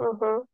Hı hı.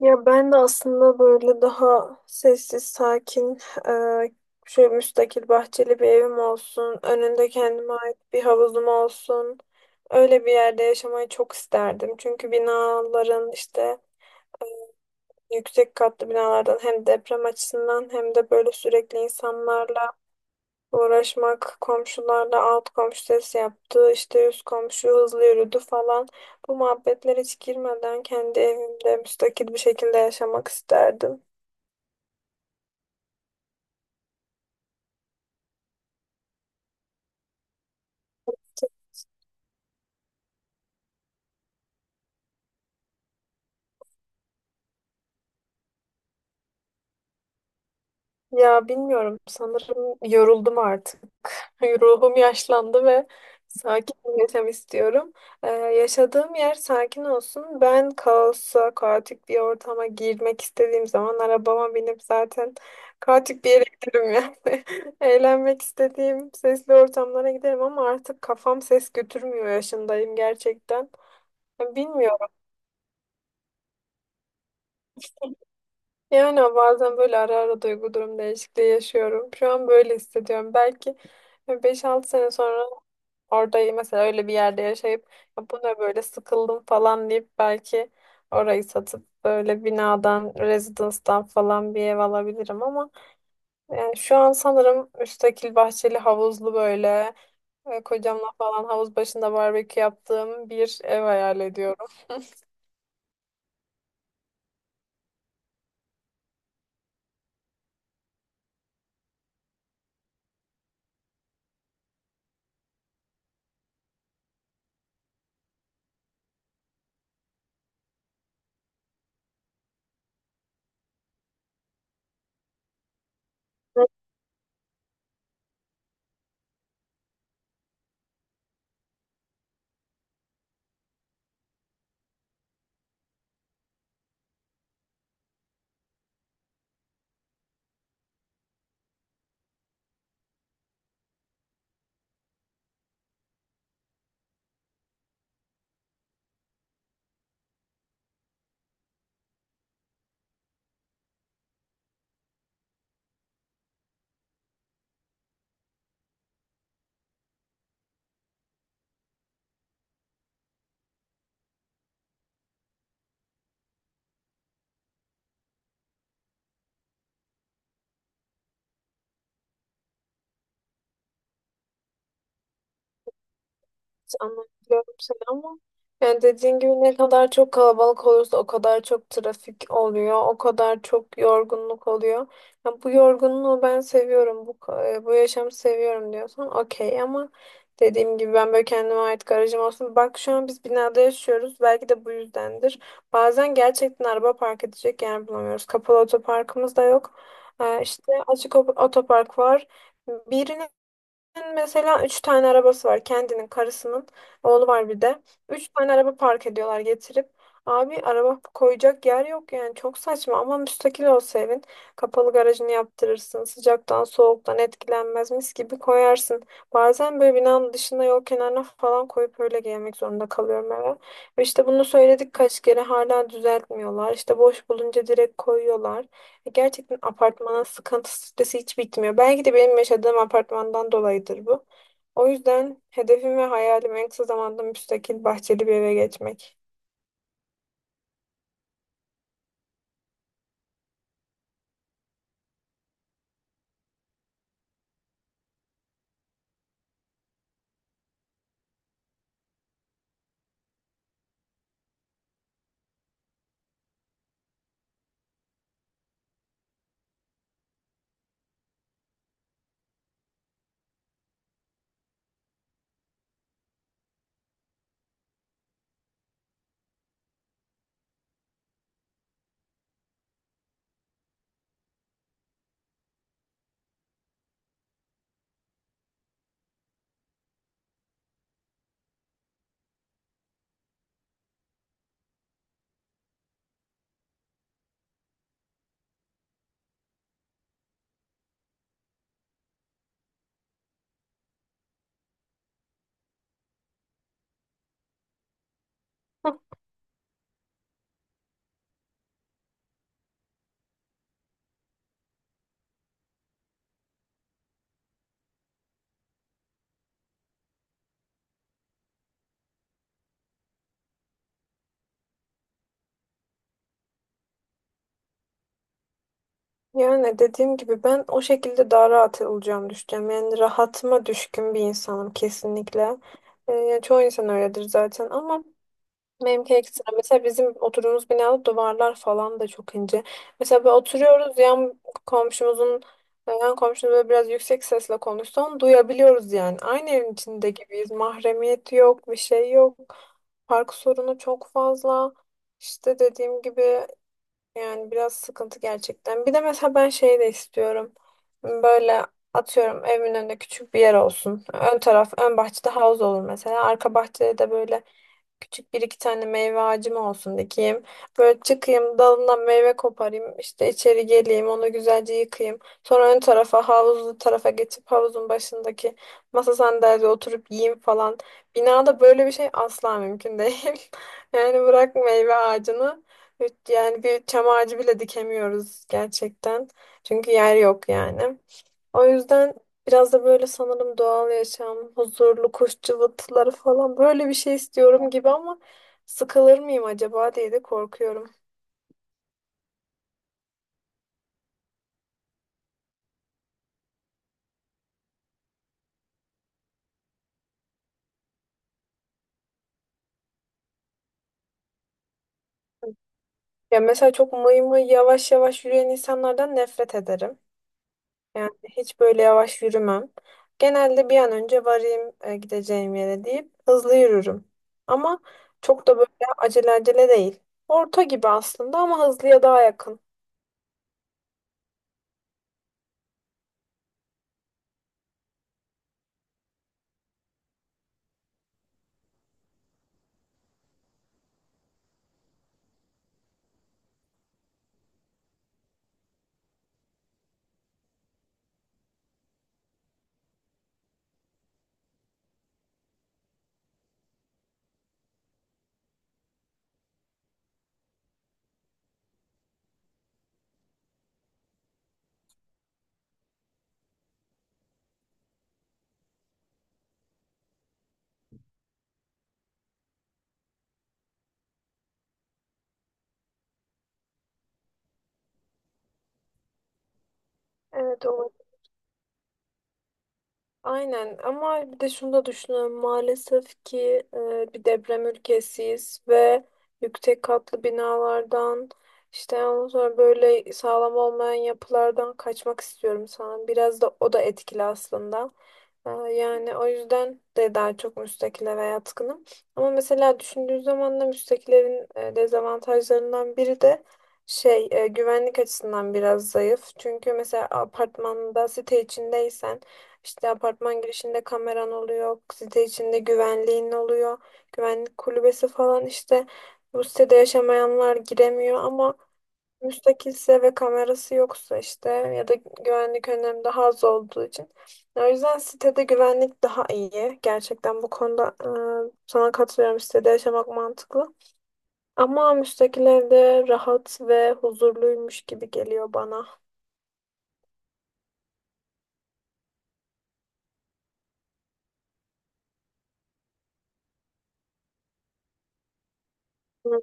Ya ben de aslında böyle daha sessiz, sakin, eee şöyle müstakil bahçeli bir evim olsun, önünde kendime ait bir havuzum olsun. Öyle bir yerde yaşamayı çok isterdim. Çünkü binaların işte yüksek katlı binalardan hem deprem açısından hem de böyle sürekli insanlarla uğraşmak, komşularla alt komşu ses yaptı, işte üst komşu hızlı yürüdü falan. Bu muhabbetlere hiç girmeden kendi evimde müstakil bir şekilde yaşamak isterdim. Ya bilmiyorum, sanırım yoruldum artık. Ruhum yaşlandı ve sakin bir yaşam istiyorum. Yaşadığım yer sakin olsun. Ben kaosa, kaotik bir ortama girmek istediğim zaman arabama binip zaten kaotik bir yere giderim yani. Eğlenmek istediğim sesli ortamlara giderim ama artık kafam ses götürmüyor yaşındayım gerçekten. Bilmiyorum. Yani bazen böyle ara ara duygu durum değişikliği yaşıyorum. Şu an böyle hissediyorum. Belki beş altı sene sonra orada mesela öyle bir yerde yaşayıp "Ya bu ne böyle, sıkıldım" falan deyip belki orayı satıp böyle binadan, rezidanstan falan bir ev alabilirim, ama yani şu an sanırım müstakil bahçeli havuzlu böyle kocamla falan havuz başında barbekü yaptığım bir ev hayal ediyorum. Anlayabiliyorum seni ama yani dediğin gibi ne kadar çok kalabalık olursa o kadar çok trafik oluyor, o kadar çok yorgunluk oluyor. Ya "bu yorgunluğu ben seviyorum, bu yaşamı seviyorum" diyorsan okey, ama dediğim gibi ben böyle kendime ait garajım olsun. Bak şu an biz binada yaşıyoruz, belki de bu yüzdendir. Bazen gerçekten araba park edecek yer bulamıyoruz. Kapalı otoparkımız da yok. İşte açık otopark var. Birine, mesela üç tane arabası var, kendinin, karısının, oğlu var bir de. Üç tane araba park ediyorlar getirip. Abi, araba koyacak yer yok yani, çok saçma. Ama müstakil olsa evin kapalı garajını yaptırırsın, sıcaktan soğuktan etkilenmez, mis gibi koyarsın. Bazen böyle binanın dışında yol kenarına falan koyup öyle gelmek zorunda kalıyorum eve. Ve işte bunu söyledik kaç kere, hala düzeltmiyorlar. İşte boş bulunca direkt koyuyorlar. Gerçekten apartmanın sıkıntı stresi hiç bitmiyor. Belki de benim yaşadığım apartmandan dolayıdır bu. O yüzden hedefim ve hayalim en kısa zamanda müstakil bahçeli bir eve geçmek. Hı. Yani dediğim gibi ben o şekilde daha rahat olacağımı düşünüyorum. Yani rahatıma düşkün bir insanım kesinlikle. Yani çoğu insan öyledir zaten ama benimki ekstra. Mesela bizim oturduğumuz binada duvarlar falan da çok ince. Mesela böyle oturuyoruz, komşumuzun yan komşumuz böyle biraz yüksek sesle konuşsa onu duyabiliyoruz yani. Aynı evin içinde gibiyiz. Mahremiyet yok, bir şey yok. Park sorunu çok fazla. İşte dediğim gibi yani biraz sıkıntı gerçekten. Bir de mesela ben şey de istiyorum. Böyle, atıyorum, evimin önünde küçük bir yer olsun. Ön taraf, ön bahçede havuz olur mesela. Arka bahçede de böyle küçük bir iki tane meyve ağacım olsun, dikeyim. Böyle çıkayım dalından meyve koparayım, işte içeri geleyim onu güzelce yıkayayım. Sonra ön tarafa, havuzlu tarafa geçip havuzun başındaki masa sandalyede oturup yiyeyim falan. Binada böyle bir şey asla mümkün değil. Yani bırak meyve ağacını, yani bir çam ağacı bile dikemiyoruz gerçekten. Çünkü yer yok yani. O yüzden biraz da böyle sanırım doğal yaşam, huzurlu kuş cıvıltıları falan böyle bir şey istiyorum gibi, ama sıkılır mıyım acaba diye de korkuyorum. Ya mesela çok mıy mıy yavaş yavaş yürüyen insanlardan nefret ederim. Yani hiç böyle yavaş yürümem. Genelde bir an önce varayım gideceğim yere deyip hızlı yürürüm. Ama çok da böyle acele acele değil. Orta gibi aslında ama hızlıya daha yakın. Evet, o aynen. Ama bir de şunu da düşünüyorum, maalesef ki bir deprem ülkesiyiz ve yüksek katlı binalardan, işte ondan sonra böyle sağlam olmayan yapılardan kaçmak istiyorum sanırım. Biraz da o da etkili aslında. Yani o yüzden de daha çok müstakile veya yatkınım. Ama mesela düşündüğün zaman da müstakillerin dezavantajlarından biri de güvenlik açısından biraz zayıf. Çünkü mesela apartmanda, site içindeysen, işte apartman girişinde kameran oluyor, site içinde güvenliğin oluyor, güvenlik kulübesi falan, işte bu sitede yaşamayanlar giremiyor. Ama müstakilse ve kamerası yoksa, işte, ya da güvenlik önlemi daha az olduğu için. O yüzden sitede güvenlik daha iyi. Gerçekten bu konuda sana katılıyorum. Sitede yaşamak mantıklı. Ama müstakil evde rahat ve huzurluymuş gibi geliyor bana. Hı,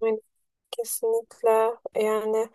aynen. Kesinlikle yani